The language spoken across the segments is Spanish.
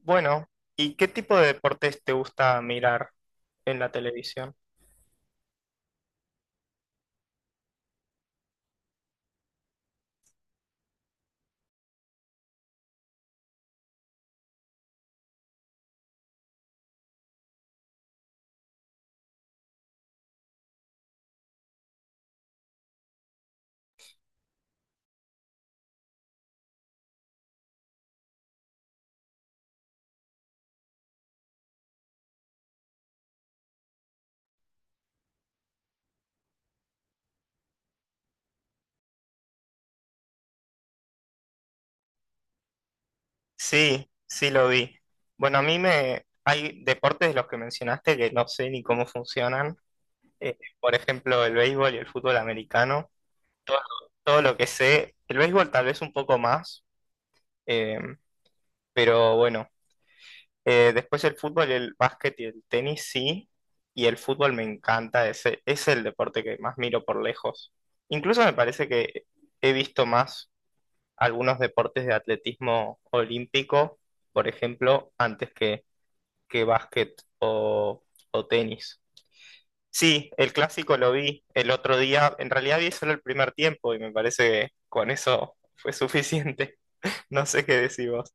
Bueno, ¿y qué tipo de deportes te gusta mirar en la televisión? Sí, sí lo vi. Bueno, a mí me... hay deportes de los que mencionaste que no sé ni cómo funcionan. Por ejemplo, el béisbol y el fútbol americano. Todo, todo lo que sé. El béisbol tal vez un poco más, eh, pero bueno, después el fútbol, el básquet y el tenis sí. Y el fútbol me encanta. Es el deporte que más miro por lejos. Incluso me parece que he visto más algunos deportes de atletismo olímpico, por ejemplo, antes que básquet o tenis. Sí, el clásico lo vi el otro día. En realidad vi solo el primer tiempo y me parece que con eso fue suficiente. No sé qué decís vos.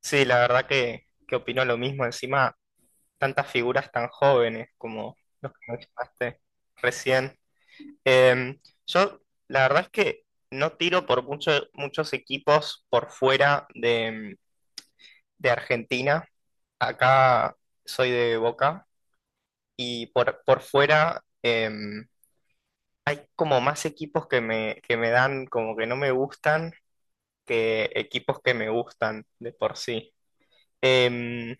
Sí, la verdad que opino lo mismo. Encima, tantas figuras tan jóvenes como los que mencionaste recién. Em, yo, la verdad es que no tiro por muchos equipos por fuera de Argentina. Acá soy de Boca y por fuera hay como más equipos que que me dan como que no me gustan que equipos que me gustan de por sí. Em,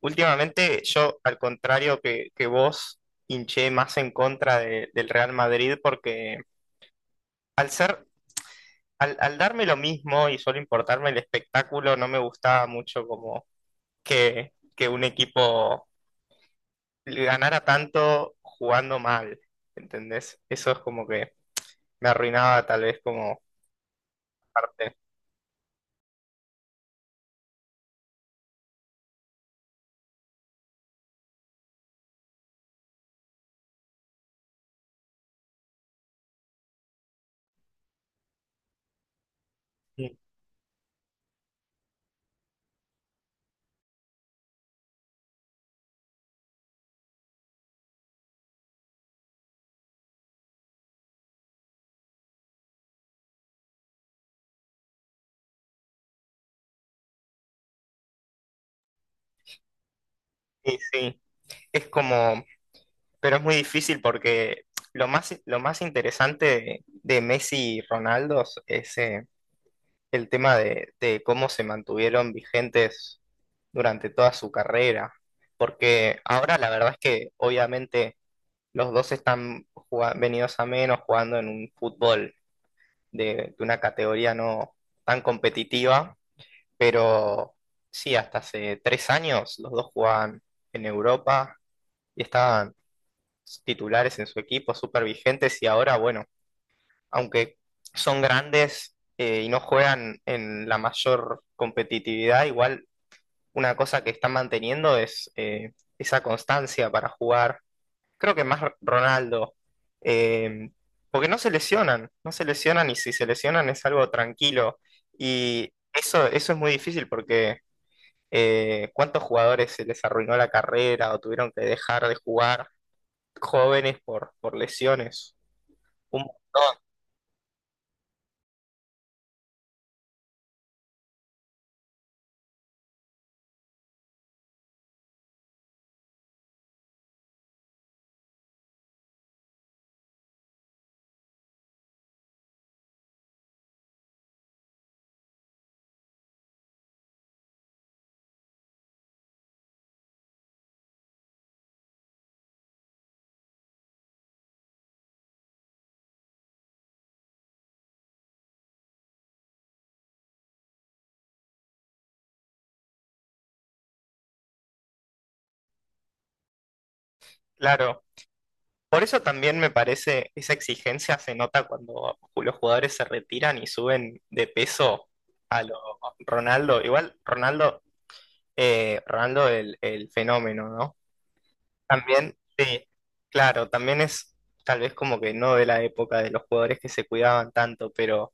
Últimamente yo, al contrario que vos, hinché más en contra del Real Madrid porque al ser, al darme lo mismo y solo importarme el espectáculo, no me gustaba mucho como que un equipo ganara tanto jugando mal, ¿entendés? Eso es como que me arruinaba tal vez como parte. Y, y sí, es como, pero es muy difícil porque lo más interesante de Messi y Ronaldo es el tema de cómo se mantuvieron vigentes durante toda su carrera. Porque ahora la verdad es que obviamente los dos están jugando, venidos a menos jugando en un fútbol de una categoría no tan competitiva, pero sí, hasta hace tres años los dos jugaban en Europa y estaban titulares en su equipo, súper vigentes y ahora, bueno, aunque son grandes y no juegan en la mayor competitividad, igual una cosa que están manteniendo es esa constancia para jugar creo que más Ronaldo, eh, porque no se lesionan, no se lesionan y si se lesionan es algo tranquilo. Y eso es muy difícil porque ¿cuántos jugadores se les arruinó la carrera o tuvieron que dejar de jugar jóvenes por lesiones? Un montón, claro. Por eso también me parece, esa exigencia se nota cuando los jugadores se retiran y suben de peso a lo Ronaldo. Igual Ronaldo, Ronaldo el fenómeno, ¿no? También, sí, claro, también es tal vez como que no de la época de los jugadores que se cuidaban tanto,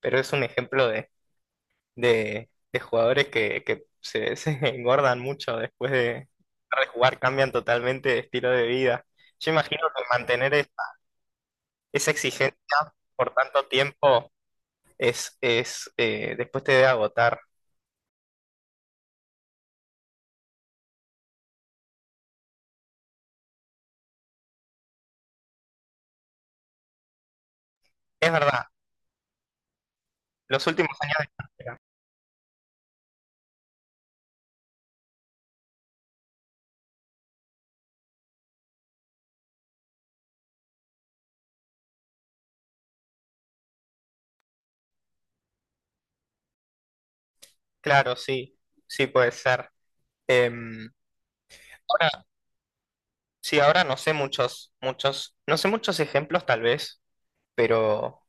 pero es un ejemplo de jugadores que se, se engordan mucho después de jugar, cambian totalmente de estilo de vida. Yo imagino que mantener esa, esa exigencia por tanto tiempo es después te debe agotar. Es verdad, los últimos años de carrera. Claro, sí, sí puede ser. Em, Sí, ahora no sé muchos, no sé muchos ejemplos tal vez, pero,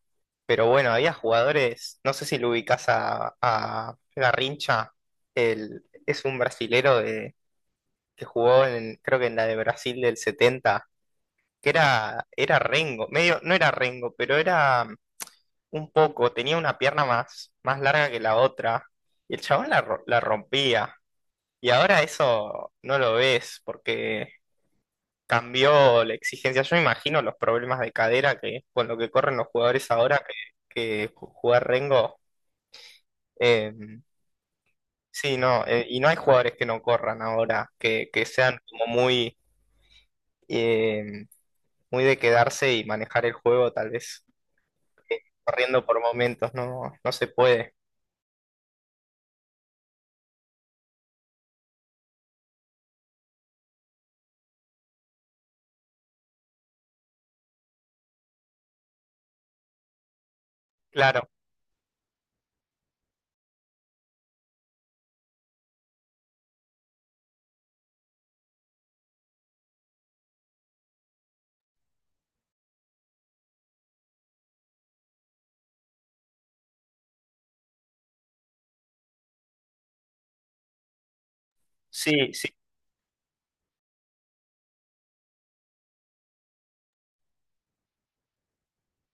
pero bueno, había jugadores, no sé si lo ubicás a Garrincha, es un brasilero de, que jugó en, creo que en la de Brasil del 70 que era Rengo, medio, no era Rengo, pero era un poco, tenía una pierna más larga que la otra, y el chabón la rompía, y ahora eso no lo ves, porque cambió la exigencia. Yo me imagino los problemas de cadera que con lo que corren los jugadores ahora que jugar Rengo. eh, sí, no, y no hay jugadores que no corran ahora, que sean como muy, eh, muy de quedarse y manejar el juego, tal vez corriendo por momentos, no, no se puede. Claro, sí, sí,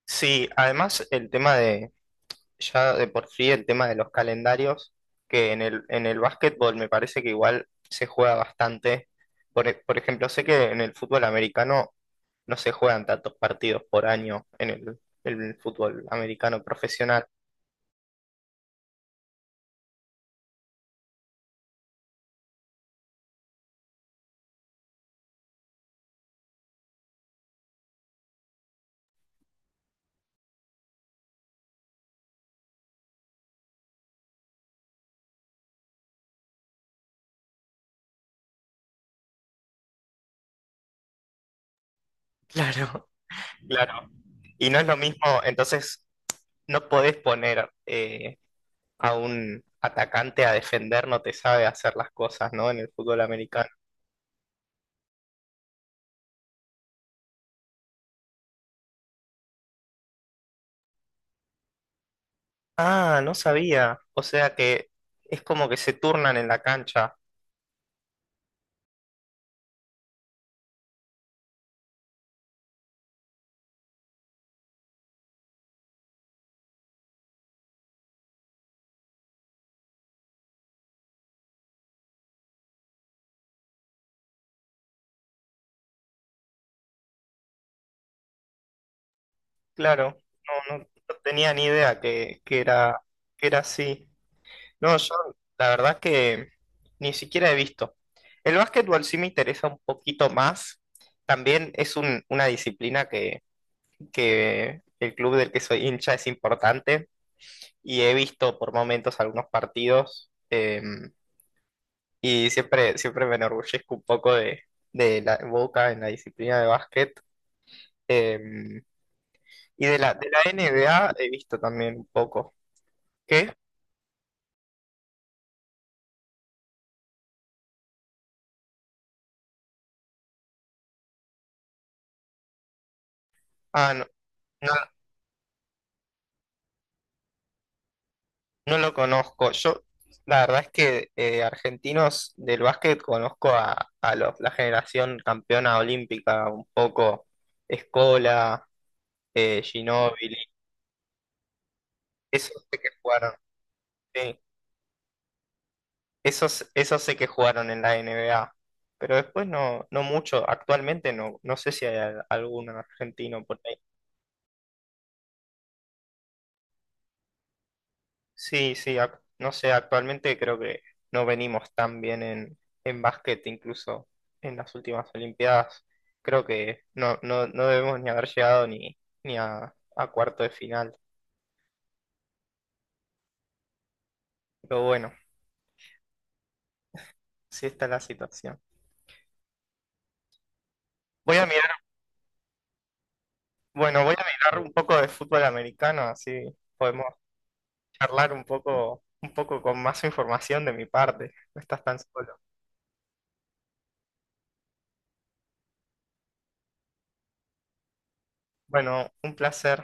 sí. Además, el tema de ya de por sí el tema de los calendarios, que en en el básquetbol me parece que igual se juega bastante. Por ejemplo, sé que en el fútbol americano no se juegan tantos partidos por año en en el fútbol americano profesional. Claro. Claro. Y no es lo mismo, entonces no podés poner a un atacante a defender, no te sabe hacer las cosas, ¿no? En el fútbol americano. Ah, no sabía. O sea que es como que se turnan en la cancha. Claro, no, no, no tenía ni idea que era así. No, yo la verdad que ni siquiera he visto. El básquetbol sí me interesa un poquito más. También es una disciplina que el club del que soy hincha es importante y he visto por momentos algunos partidos y siempre, siempre me enorgullezco un poco de la Boca en la disciplina de básquet. eh, y de de la NBA he visto también un poco. ¿Qué? Ah, no, no, no lo conozco. La verdad es que argentinos del básquet conozco a los, la generación campeona olímpica, un poco Escola, Ginóbili, esos sé que jugaron, sí, esos sé que jugaron en la NBA, pero después no, no mucho, actualmente no, no sé si hay algún argentino por ahí. Sí, sí, no sé, actualmente creo que no venimos tan bien en básquet, incluso en las últimas Olimpiadas. Creo que no, no, no debemos ni haber llegado ni, ni a, a cuarto de final. Pero bueno, sí está la situación. Voy a mirar, bueno, voy a mirar un poco de fútbol americano, así podemos charlar un poco con más información de mi parte. No estás tan solo. Bueno, un placer.